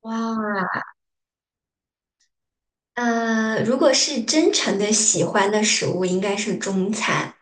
哇，如果是真诚的喜欢的食物，应该是中餐，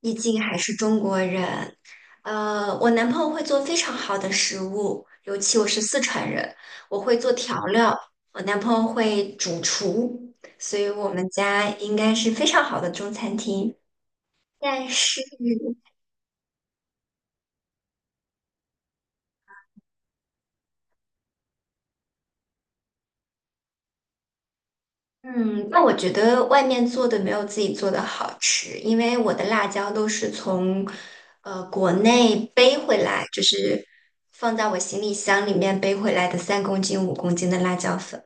毕竟还是中国人。我男朋友会做非常好的食物，尤其我是四川人，我会做调料，我男朋友会主厨，所以我们家应该是非常好的中餐厅。但是嗯，那我觉得外面做的没有自己做的好吃，因为我的辣椒都是从国内背回来，就是放在我行李箱里面背回来的3公斤、5公斤的辣椒粉。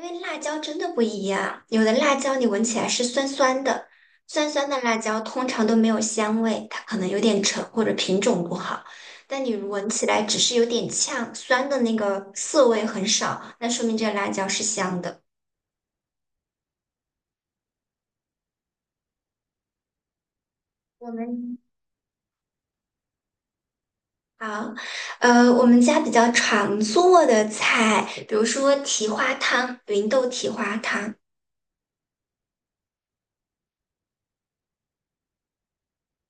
因为辣椒真的不一样，有的辣椒你闻起来是酸酸的，酸酸的辣椒通常都没有香味，它可能有点沉或者品种不好。但你闻起来只是有点呛，酸的那个涩味很少，那说明这个辣椒是香的。我们好，我们家比较常做的菜，比如说蹄花汤，芸豆蹄花汤，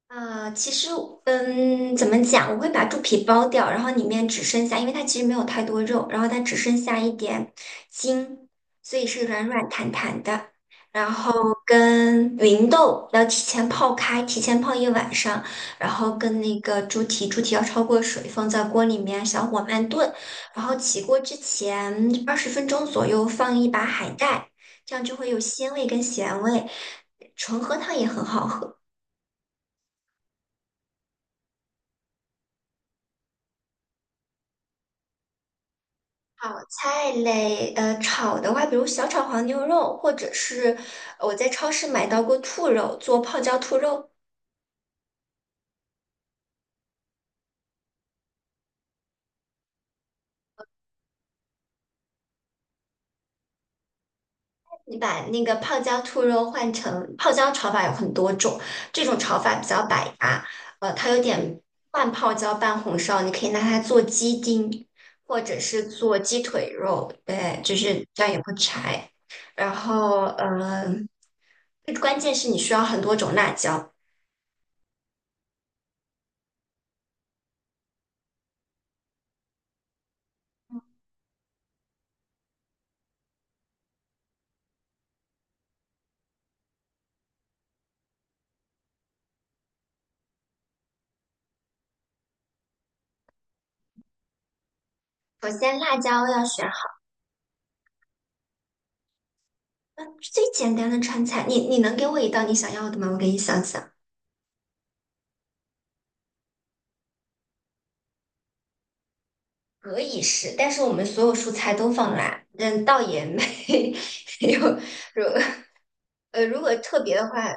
其实，怎么讲？我会把猪皮剥掉，然后里面只剩下，因为它其实没有太多肉，然后它只剩下一点筋，所以是软软弹弹的。然后跟芸豆要提前泡开，提前泡一晚上，然后跟那个猪蹄，猪蹄要焯过水，放在锅里面小火慢炖，然后起锅之前20分钟左右放一把海带，这样就会有鲜味跟咸味。纯喝汤也很好喝。炒菜类，炒的话，比如小炒黄牛肉，或者是我在超市买到过兔肉，做泡椒兔肉。你把那个泡椒兔肉换成泡椒炒法有很多种，这种炒法比较百搭，它有点半泡椒半红烧，你可以拿它做鸡丁，或者是做鸡腿肉，对，就是这样也不柴。然后，关键是你需要很多种辣椒。首先，辣椒要选最简单的川菜，你能给我一道你想要的吗？我给你想想。可以是，但是我们所有蔬菜都放辣，倒也没 有。如如果特别的话，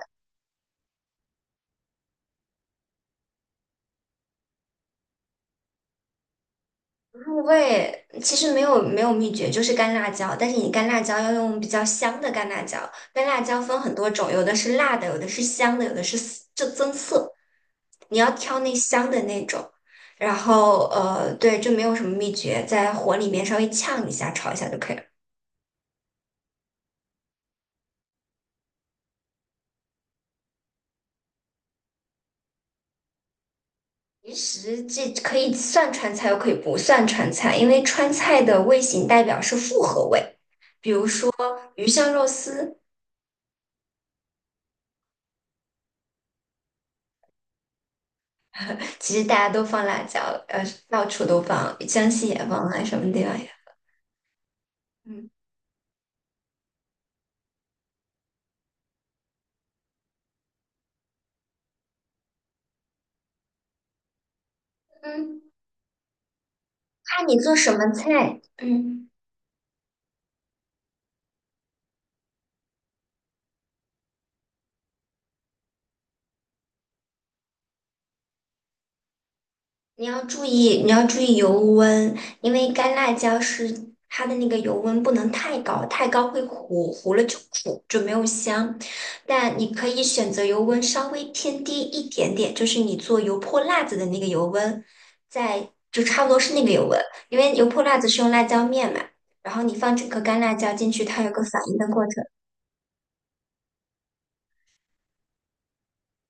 入味其实没有秘诀，就是干辣椒。但是你干辣椒要用比较香的干辣椒，干辣椒分很多种，有的是辣的，有的是香的，有的是涩就增色。你要挑那香的那种。然后对，就没有什么秘诀，在火里面稍微呛一下，炒一下就可以了。其实这可以算川菜，又可以不算川菜，因为川菜的味型代表是复合味。比如说鱼香肉丝，其实大家都放辣椒，呃，到处都放，江西也放啊，什么地方也。嗯嗯，看你做什么菜。嗯。你要注意，你要注意油温，因为干辣椒是它的那个油温不能太高，太高会糊，糊了就苦，就没有香。但你可以选择油温稍微偏低一点点，就是你做油泼辣子的那个油温，在就差不多是那个油温，因为油泼辣子是用辣椒面嘛，然后你放整颗干辣椒进去，它有个反应的过程。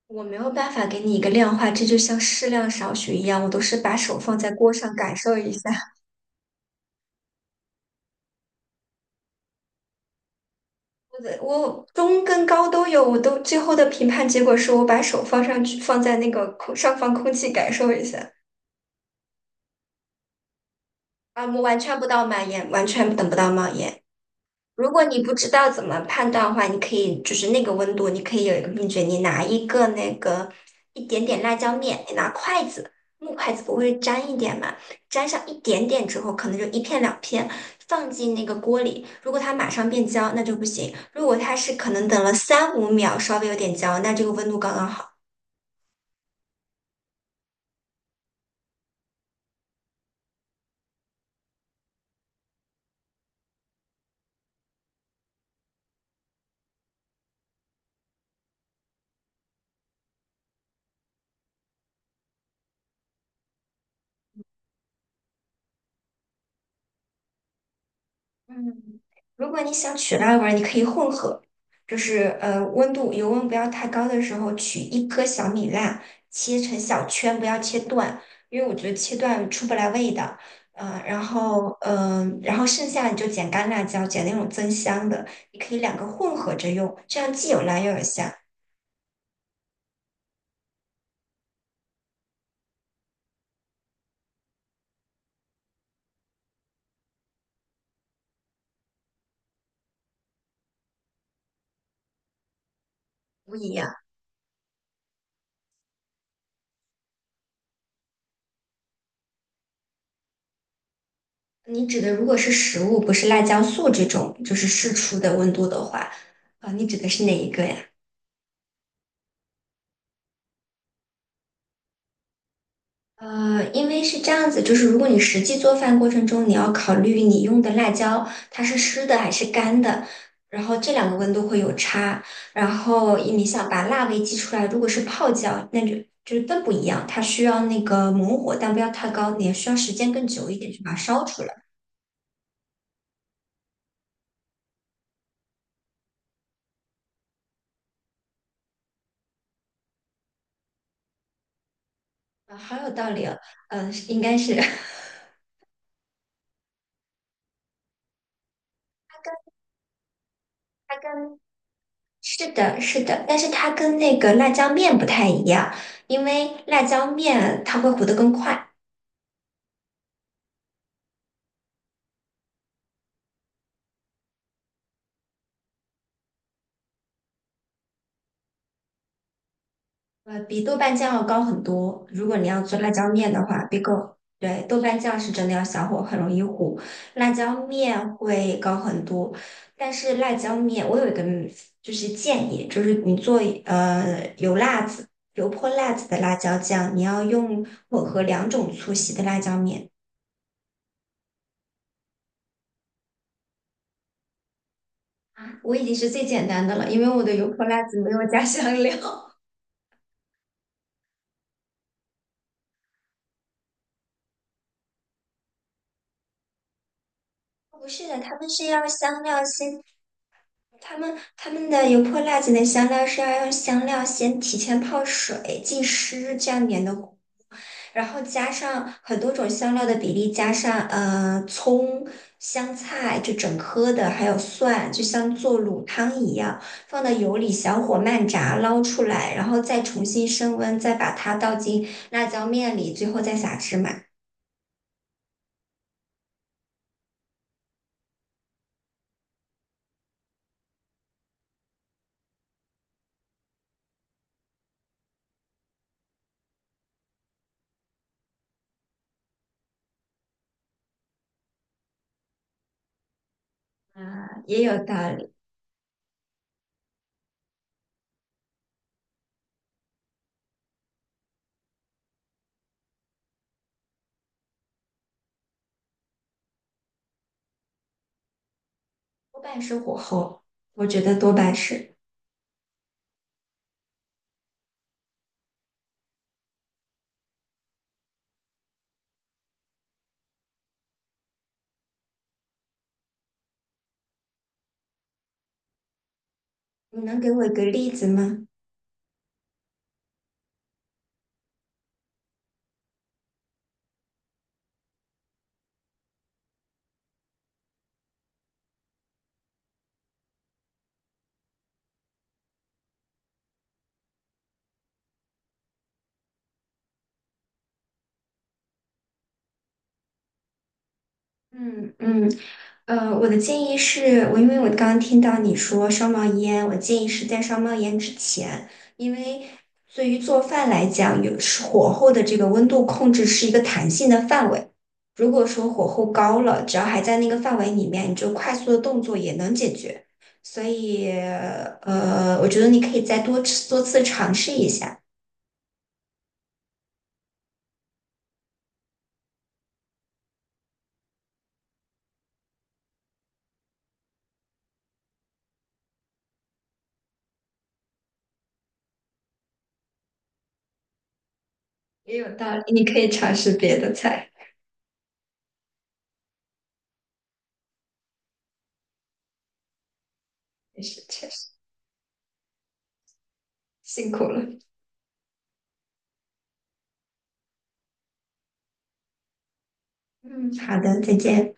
我没有办法给你一个量化，这就像适量少许一样，我都是把手放在锅上感受一下。我中跟高都有，我都最后的评判结果是我把手放上去，放在那个空上方空气感受一下啊，我完全不到满眼，完全等不到冒烟。如果你不知道怎么判断的话，你可以就是那个温度，你可以有一个秘诀，你拿一个那个一点点辣椒面，你拿筷子，木筷子不会沾一点嘛，沾上一点点之后，可能就一片两片，放进那个锅里。如果它马上变焦，那就不行；如果它是可能等了三五秒，稍微有点焦，那这个温度刚刚好。嗯，如果你想取辣味儿，你可以混合，就是温度油温不要太高的时候，取一颗小米辣，切成小圈，不要切断，因为我觉得切断出不来味道。然后然后剩下你就剪干辣椒，剪那种增香的，你可以两个混合着用，这样既有辣又有香，不一样。你指的如果是食物，不是辣椒素这种，就是试出的温度的话，啊、你指的是哪一个呀？因为是这样子，就是如果你实际做饭过程中，你要考虑你用的辣椒它是湿的还是干的，然后这两个温度会有差。然后你想把辣味激出来，如果是泡椒，那就就是更不一样，它需要那个猛火，但不要太高，你也需要时间更久一点去把它烧出来。啊，好有道理哦，应该是 它跟它跟是的，是的，但是它跟那个辣椒面不太一样，因为辣椒面它会糊的更快。比豆瓣酱要高很多。如果你要做辣椒面的话，别购。对，豆瓣酱是真的要小火，很容易糊。辣椒面会高很多，但是辣椒面我有一个就是建议，就是你做油辣子、油泼辣子的辣椒酱，你要用混合两种粗细的辣椒面。啊，我已经是最简单的了，因为我的油泼辣子没有加香料。不是的，他们是要香料先他们的油泼辣子的香料是要用香料先提前泡水浸湿，这样粘的，然后加上很多种香料的比例，加上葱、香菜，就整颗的，还有蒜，就像做卤汤一样，放到油里小火慢炸，捞出来，然后再重新升温，再把它倒进辣椒面里，最后再撒芝麻，也有道理，多半是火候，我觉得多半是。你能给我一个例子吗？嗯嗯，我的建议是，因为我刚刚听到你说烧冒烟，我建议是在烧冒烟之前，因为对于做饭来讲，是火候的这个温度控制是一个弹性的范围。如果说火候高了，只要还在那个范围里面，你就快速的动作也能解决。所以，我觉得你可以再多次多次尝试一下，也有道理。你可以尝试别的菜，也是确实辛苦了。嗯，好的，再见。